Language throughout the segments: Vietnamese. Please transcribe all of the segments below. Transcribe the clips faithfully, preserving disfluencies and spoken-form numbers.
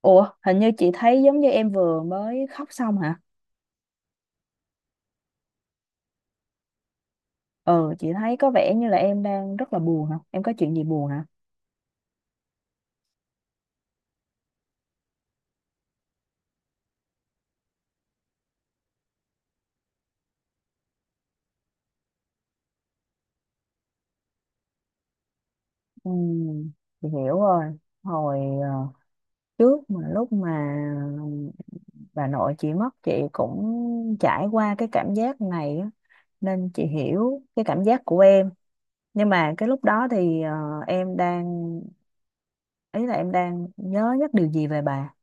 Ủa, hình như chị thấy giống như em vừa mới khóc xong hả? Ừ, chị thấy có vẻ như là em đang rất là buồn hả? Em có chuyện gì buồn hả? Ừ, chị hiểu rồi. Hồi ờ, trước mà lúc mà bà nội chị mất, chị cũng trải qua cái cảm giác này á, nên chị hiểu cái cảm giác của em. Nhưng mà cái lúc đó thì ờ, em đang ý là em đang nhớ nhất điều gì về bà?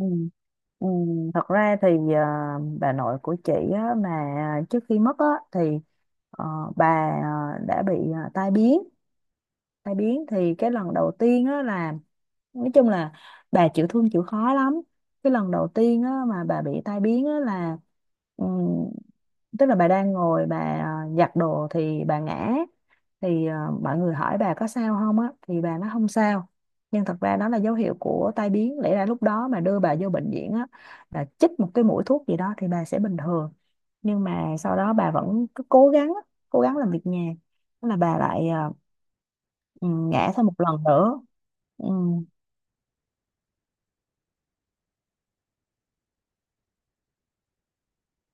Ừ. Ừ, thật ra thì ờ, bà nội của chị á, mà trước khi mất á, thì ờ, bà ờ, đã bị ờ, tai biến. Tai biến thì cái lần đầu tiên á, là nói chung là bà chịu thương chịu khó lắm. Cái lần đầu tiên á, mà bà bị tai biến á, là ừm, tức là bà đang ngồi bà à, giặt đồ thì bà ngã, thì à, mọi người hỏi bà có sao không á thì bà nói không sao. Nhưng thật ra đó là dấu hiệu của tai biến, lẽ ra lúc đó mà đưa bà vô bệnh viện á là chích một cái mũi thuốc gì đó thì bà sẽ bình thường. Nhưng mà sau đó bà vẫn cứ cố gắng á, cố gắng làm việc nhà. Thế là bà lại à, ừ, ngã thêm một lần nữa. Ừ.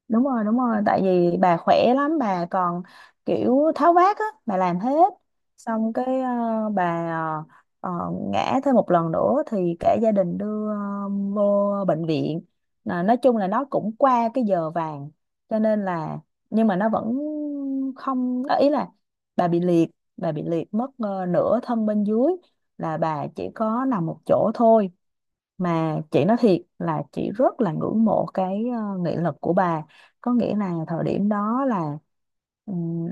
Đúng rồi, đúng rồi, tại vì bà khỏe lắm, bà còn kiểu tháo vát á, bà làm hết. Xong cái ờ, bà ờ, ờ, ngã thêm một lần nữa thì cả gia đình đưa ờ, vô bệnh viện, là nói chung là nó cũng qua cái giờ vàng cho nên là, nhưng mà nó vẫn không ờ, ý là bà bị liệt bà bị liệt mất ờ, nửa thân bên dưới, là bà chỉ có nằm một chỗ thôi. Mà chị nói thiệt là chị rất là ngưỡng mộ cái ờ, nghị lực của bà. Có nghĩa là thời điểm đó là ừm,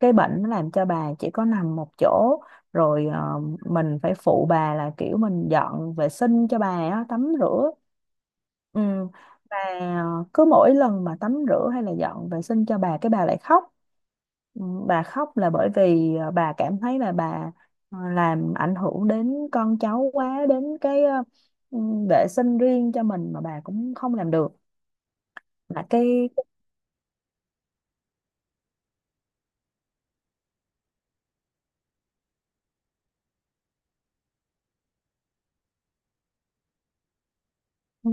cái bệnh nó làm cho bà chỉ có nằm một chỗ rồi. ờ, mình phải phụ bà là kiểu mình dọn vệ sinh cho bà á, tắm rửa. Ừ. Và ờ, cứ mỗi lần mà tắm rửa hay là dọn vệ sinh cho bà cái bà lại khóc. Ừ, bà khóc là bởi vì ờ, bà cảm thấy là bà ờ, làm ảnh hưởng đến con cháu quá, đến cái ờ, ừ, vệ sinh riêng cho mình mà bà cũng không làm được, là cái. Ừ.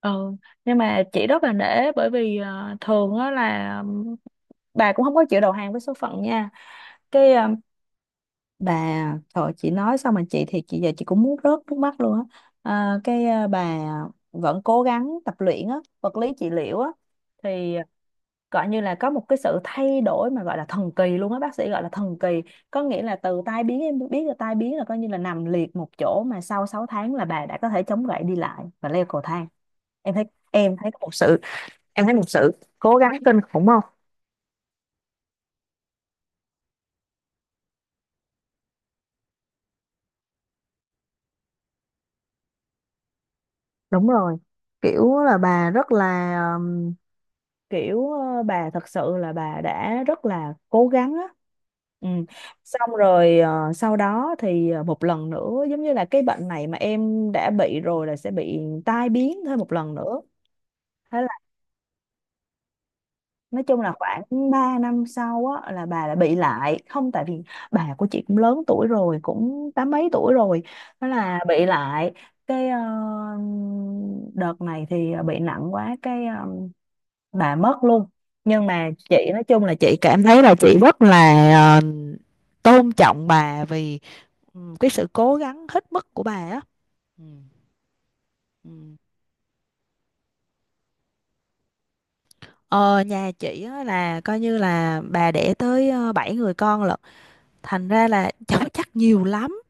Ừ. Nhưng mà chị rất là nể, bởi vì ờ, thường á là ừm, bà cũng không có chịu đầu hàng với số phận nha. Cái ờ, bà, thôi chị nói xong mà chị thì chị giờ chị cũng muốn rớt nước mắt luôn á. À, cái à, bà vẫn cố gắng tập luyện á, vật lý trị liệu á, thì gọi như là có một cái sự thay đổi mà gọi là thần kỳ luôn á, bác sĩ gọi là thần kỳ. Có nghĩa là từ tai biến, em biết là tai biến là coi như là nằm liệt một chỗ, mà sau sáu tháng là bà đã có thể chống gậy đi lại và leo cầu thang. em thấy em thấy có một sự em thấy một sự cố gắng kinh khủng không? Đúng rồi, kiểu là bà rất là, kiểu ờ, bà thật sự là bà đã rất là cố gắng á. Ừ. Xong rồi ờ, sau đó thì ờ, một lần nữa, giống như là cái bệnh này mà em đã bị rồi là sẽ bị tai biến thêm một lần nữa. Thế là nói chung là khoảng ba năm sau á là bà lại bị lại không, tại vì bà của chị cũng lớn tuổi rồi, cũng tám mấy tuổi rồi. Thế là bị lại, cái ờ, đợt này thì ờ, bị nặng quá, cái ờ, bà mất luôn. Nhưng mà chị nói chung là chị cảm thấy là chị rất là ờ, tôn trọng bà vì ừ, cái sự cố gắng hết mức của bà á. Ừ. Ừ. Ờ, nhà chị á, là coi như là bà đẻ tới ờ, bảy người con lận, thành ra là cháu chắc nhiều lắm.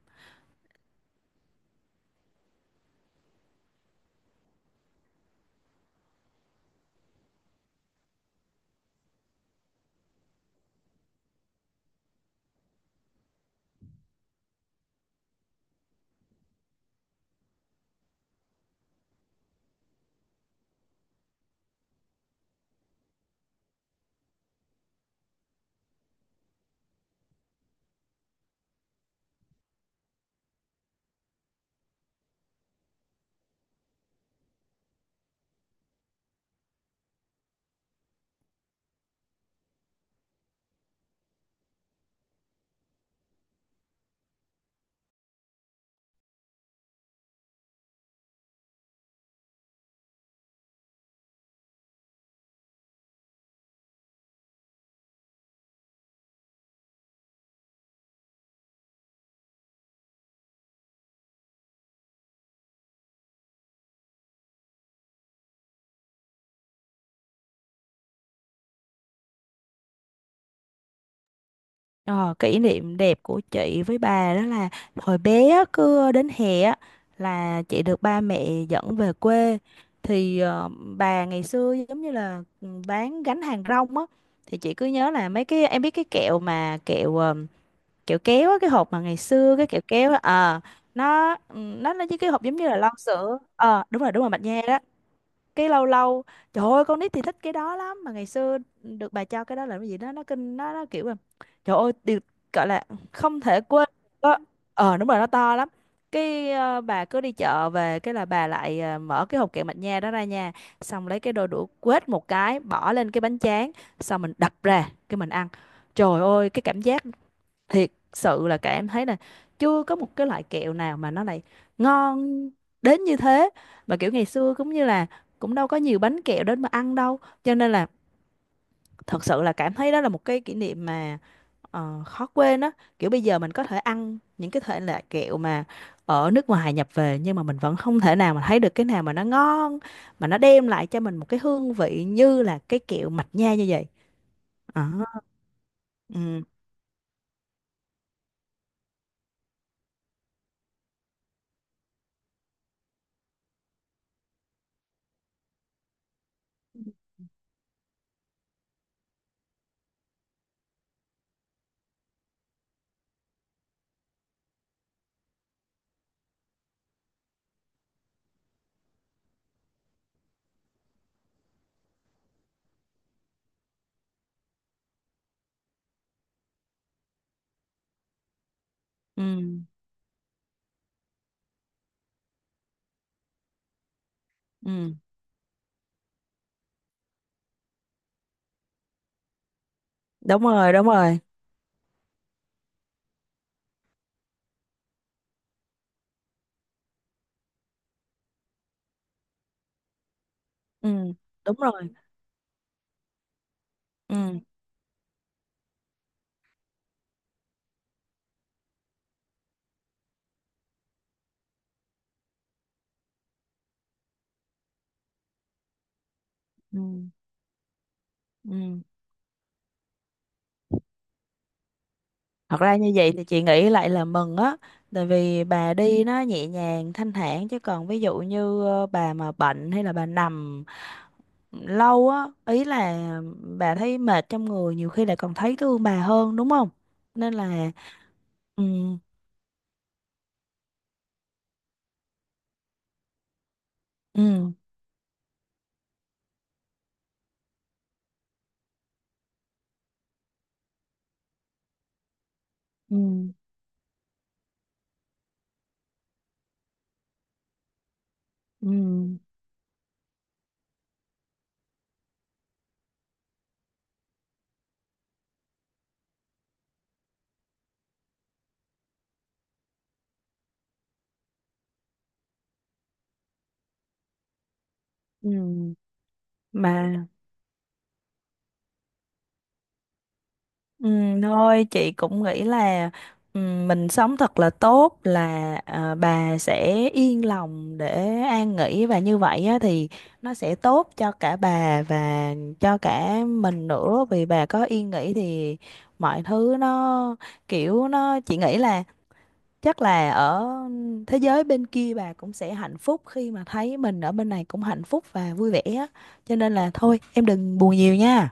Ờ, kỷ niệm đẹp của chị với bà đó là hồi bé á, cứ đến hè á, là chị được ba mẹ dẫn về quê. Thì ờ, bà ngày xưa giống như là ừ, bán gánh hàng rong á. Thì chị cứ nhớ là mấy cái, em biết cái kẹo mà kẹo ờ, kẹo kéo á, cái hộp mà ngày xưa cái kẹo kéo á, ờ, nó ừ, nó là cái cái hộp giống như là lon sữa ờ đúng rồi, đúng rồi, mạch nha đó. Cái lâu lâu, trời ơi, con nít thì thích cái đó lắm, mà ngày xưa được bà cho cái đó là cái gì đó nó kinh, nó nó kiểu là trời ơi, điều gọi là không thể quên đó. Ờ đúng rồi, nó to lắm. Cái ờ, bà cứ đi chợ về cái là bà lại ờ, mở cái hộp kẹo mạch nha đó ra nha, xong lấy cái đôi đũa quết một cái bỏ lên cái bánh tráng, xong mình đập ra cái mình ăn. Trời ơi, cái cảm giác thiệt sự là, cả em thấy là chưa có một cái loại kẹo nào mà nó lại ngon đến như thế. Mà kiểu ngày xưa cũng như là cũng đâu có nhiều bánh kẹo đến mà ăn đâu, cho nên là thật sự là cảm thấy đó là một cái kỷ niệm mà ờ, khó quên á. Kiểu bây giờ mình có thể ăn những cái thể loại kẹo mà ở nước ngoài nhập về nhưng mà mình vẫn không thể nào mà thấy được cái nào mà nó ngon, mà nó đem lại cho mình một cái hương vị như là cái kẹo mạch nha như vậy. Ờ, ừ, ừ, ừ. Đúng rồi, đúng rồi, ừ, đúng rồi, ừ, ừ, ừ, thật ra như vậy thì chị nghĩ lại là mừng á, tại vì bà đi nó nhẹ nhàng thanh thản. Chứ còn ví dụ như ờ, bà mà bệnh hay là bà nằm lâu á, ý là bà thấy mệt trong người, nhiều khi lại còn thấy thương bà hơn đúng không, nên là ừ, ừ, ừ, ừ, ừ mà. Ừ, thôi chị cũng nghĩ là, ừ, mình sống thật là tốt là à, bà sẽ yên lòng để an nghỉ và như vậy á, thì nó sẽ tốt cho cả bà và cho cả mình nữa. Vì bà có yên nghỉ thì mọi thứ nó, kiểu nó, chị nghĩ là chắc là ở thế giới bên kia bà cũng sẽ hạnh phúc khi mà thấy mình ở bên này cũng hạnh phúc và vui vẻ á. Cho nên là thôi em đừng buồn nhiều nha.